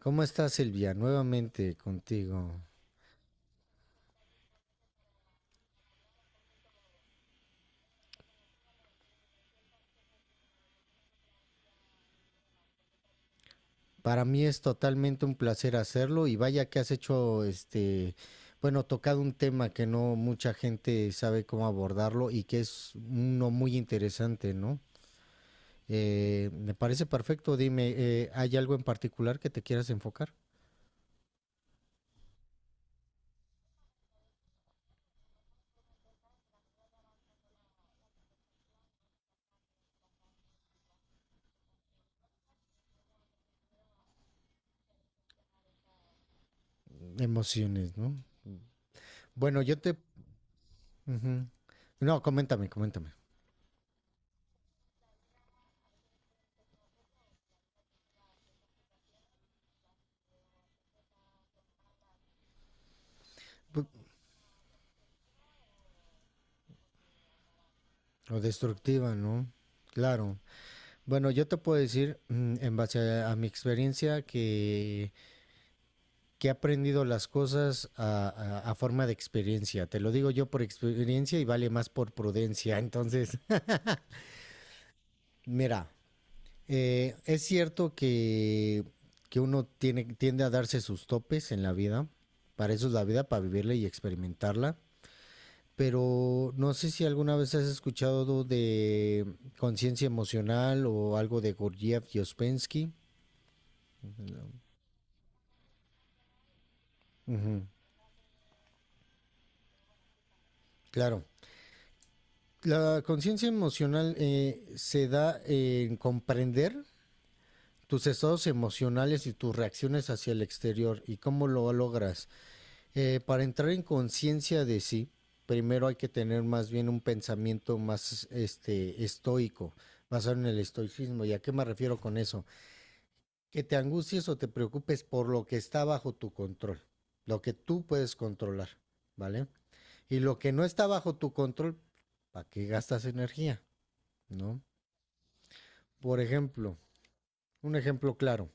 ¿Cómo estás, Silvia? Nuevamente contigo. Para mí es totalmente un placer hacerlo y vaya que has hecho bueno, tocado un tema que no mucha gente sabe cómo abordarlo y que es uno muy interesante, ¿no? Me parece perfecto. Dime, ¿hay algo en particular que te quieras enfocar? Emociones, ¿no? Bueno, yo te... ujú. No, coméntame, coméntame. Pu- O destructiva, ¿no? Claro. Bueno, yo te puedo decir, en base a mi experiencia, que he aprendido las cosas a forma de experiencia. Te lo digo yo por experiencia y vale más por prudencia. Entonces, mira, es cierto que uno tiene, tiende a darse sus topes en la vida. Para eso es la vida, para vivirla y experimentarla. Pero no sé si alguna vez has escuchado de conciencia emocional o algo de Gurdjieff y Ospensky. Ujú. Claro. La conciencia emocional se da en comprender tus estados emocionales y tus reacciones hacia el exterior y cómo lo logras. Para entrar en conciencia de sí, primero hay que tener más bien un pensamiento más estoico, basado en el estoicismo. ¿Y a qué me refiero con eso? Que te angusties o te preocupes por lo que está bajo tu control, lo que tú puedes controlar, ¿vale? Y lo que no está bajo tu control, ¿para qué gastas energía? ¿No? Por ejemplo, un ejemplo claro,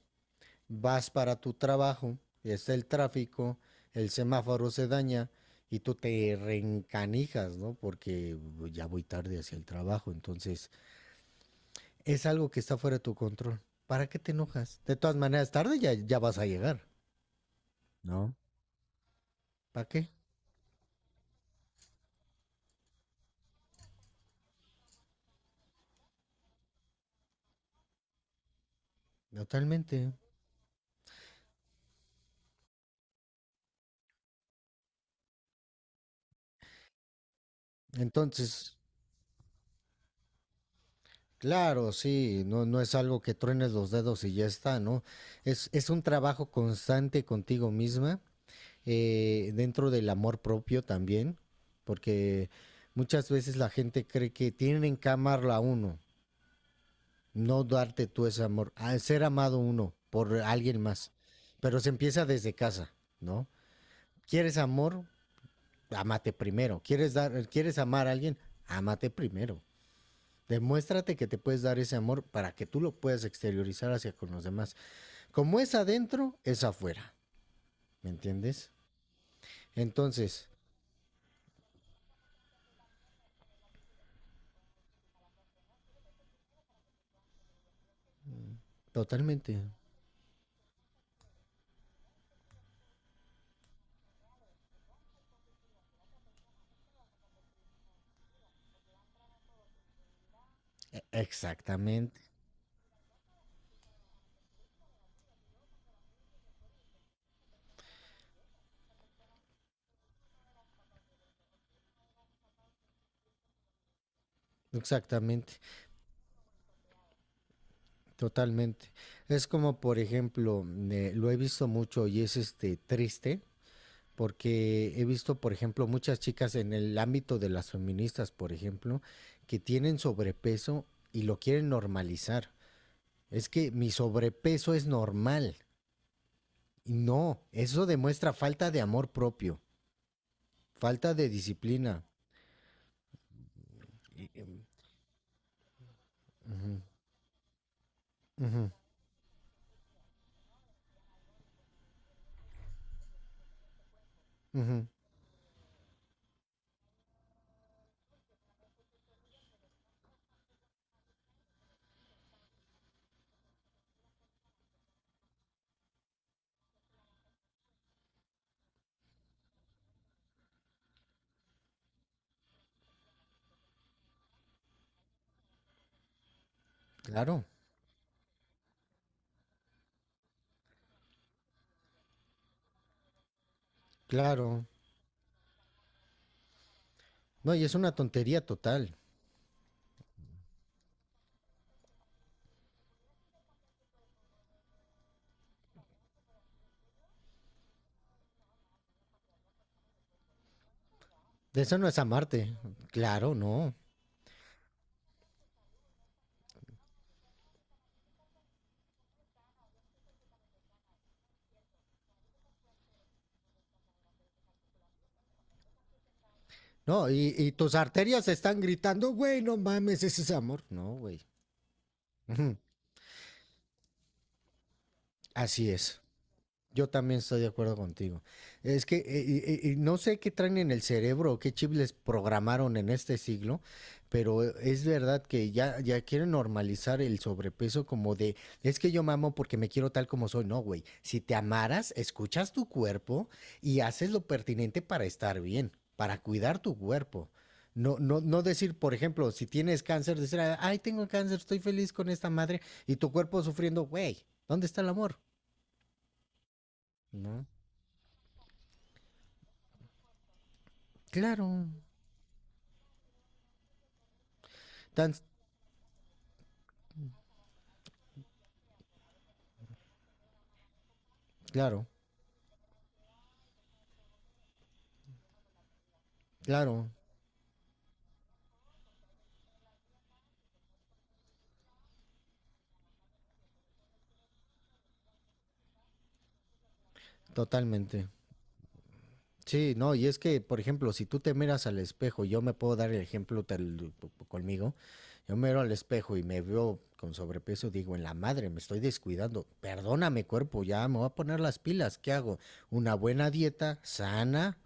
vas para tu trabajo, está el tráfico, el semáforo se daña y tú te reencanijas, ¿no? Porque ya voy tarde hacia el trabajo, entonces es algo que está fuera de tu control. ¿Para qué te enojas? De todas maneras, tarde ya vas a llegar, ¿no? ¿Para qué? Totalmente. Entonces, claro, sí, no, no es algo que truenes los dedos y ya está, ¿no? Es un trabajo constante contigo misma dentro del amor propio también, porque muchas veces la gente cree que tienen que amarla a uno, no darte tú ese amor, al ser amado uno por alguien más, pero se empieza desde casa, ¿no? ¿Quieres amor? Ámate primero. ¿Quieres, dar, ¿Quieres amar a alguien? Ámate primero. Demuéstrate que te puedes dar ese amor para que tú lo puedas exteriorizar hacia con los demás. Como es adentro, es afuera. ¿Me entiendes? Entonces, totalmente. Exactamente, exactamente, totalmente. Es como, por ejemplo, lo he visto mucho y es triste porque he visto, por ejemplo, muchas chicas en el ámbito de las feministas, por ejemplo, que tienen sobrepeso y lo quieren normalizar. Es que mi sobrepeso es normal. Y no, eso demuestra falta de amor propio, falta de disciplina. Ujú, ujú. Claro, claro. No, y es una tontería total. De eso no es amarte. Claro, no. No, y tus arterias están gritando, güey, no mames, ese es amor. No, güey. Ujú. Así es. Yo también estoy de acuerdo contigo. Es que no sé qué traen en el cerebro, o qué chip les programaron en este siglo, pero es verdad que ya quieren normalizar el sobrepeso como de, es que yo mamo porque me quiero tal como soy. No, güey, si te amaras, escuchas tu cuerpo y haces lo pertinente para estar bien, para cuidar tu cuerpo. No, no, no decir, por ejemplo, si tienes cáncer, decir, ay, tengo cáncer, estoy feliz con esta madre y tu cuerpo sufriendo, güey, ¿dónde está el amor? No. Claro. Tan, claro, claro, totalmente. Sí, no, y es que, por ejemplo, si tú te miras al espejo, yo me puedo dar el ejemplo tal, conmigo, yo me miro al espejo y me veo con sobrepeso, digo, en la madre, me estoy descuidando, perdóname cuerpo, ya me voy a poner las pilas, ¿qué hago? Una buena dieta sana,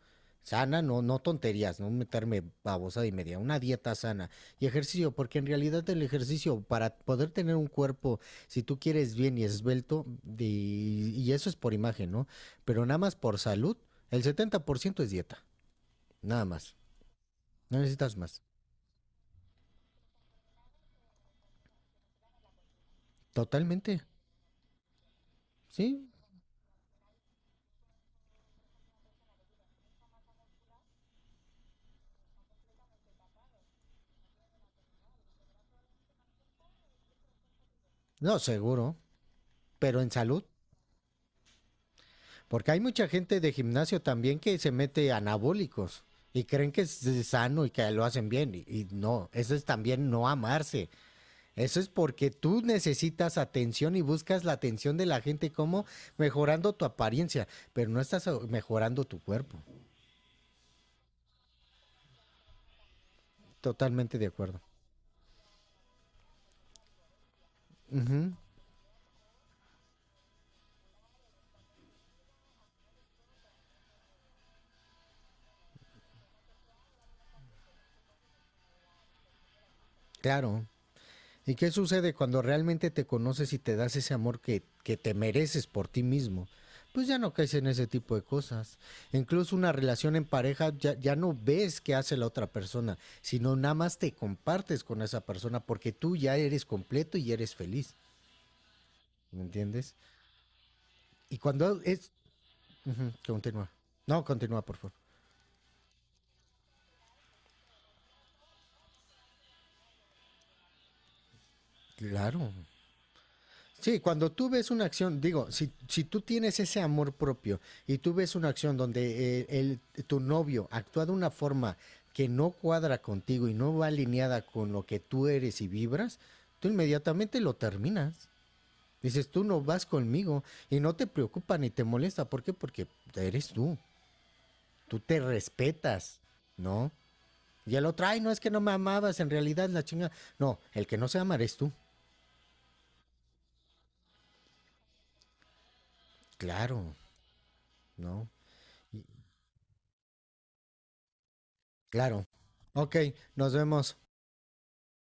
sana, no, no tonterías, no meterme babosada y media, una dieta sana y ejercicio, porque en realidad el ejercicio, para poder tener un cuerpo, si tú quieres bien y esbelto, y eso es por imagen, ¿no? Pero nada más por salud el 70% es dieta, nada más. No necesitas más. Totalmente, sí. No, seguro. Pero en salud. Porque hay mucha gente de gimnasio también que se mete anabólicos y creen que es sano y que lo hacen bien. Y no, eso es también no amarse. Eso es porque tú necesitas atención y buscas la atención de la gente como mejorando tu apariencia, pero no estás mejorando tu cuerpo. Totalmente de acuerdo. Ujú. Claro. ¿Y qué sucede cuando realmente te conoces y te das ese amor que te mereces por ti mismo? Pues ya no caes en ese tipo de cosas. Incluso una relación en pareja ya no ves qué hace la otra persona, sino nada más te compartes con esa persona porque tú ya eres completo y eres feliz. ¿Me entiendes? Y cuando es... Ujú, continúa. No, continúa, por favor. Claro. Sí, cuando tú ves una acción, digo, si tú tienes ese amor propio y tú ves una acción donde tu novio actúa de una forma que no cuadra contigo y no va alineada con lo que tú eres y vibras, tú inmediatamente lo terminas. Dices, tú no vas conmigo y no te preocupa ni te molesta. ¿Por qué? Porque eres tú, tú te respetas, ¿no? Y el otro, ay, no es que no me amabas, en realidad la chinga. No, el que no se ama eres tú. Claro, ¿no? Y, claro. Ok, nos vemos.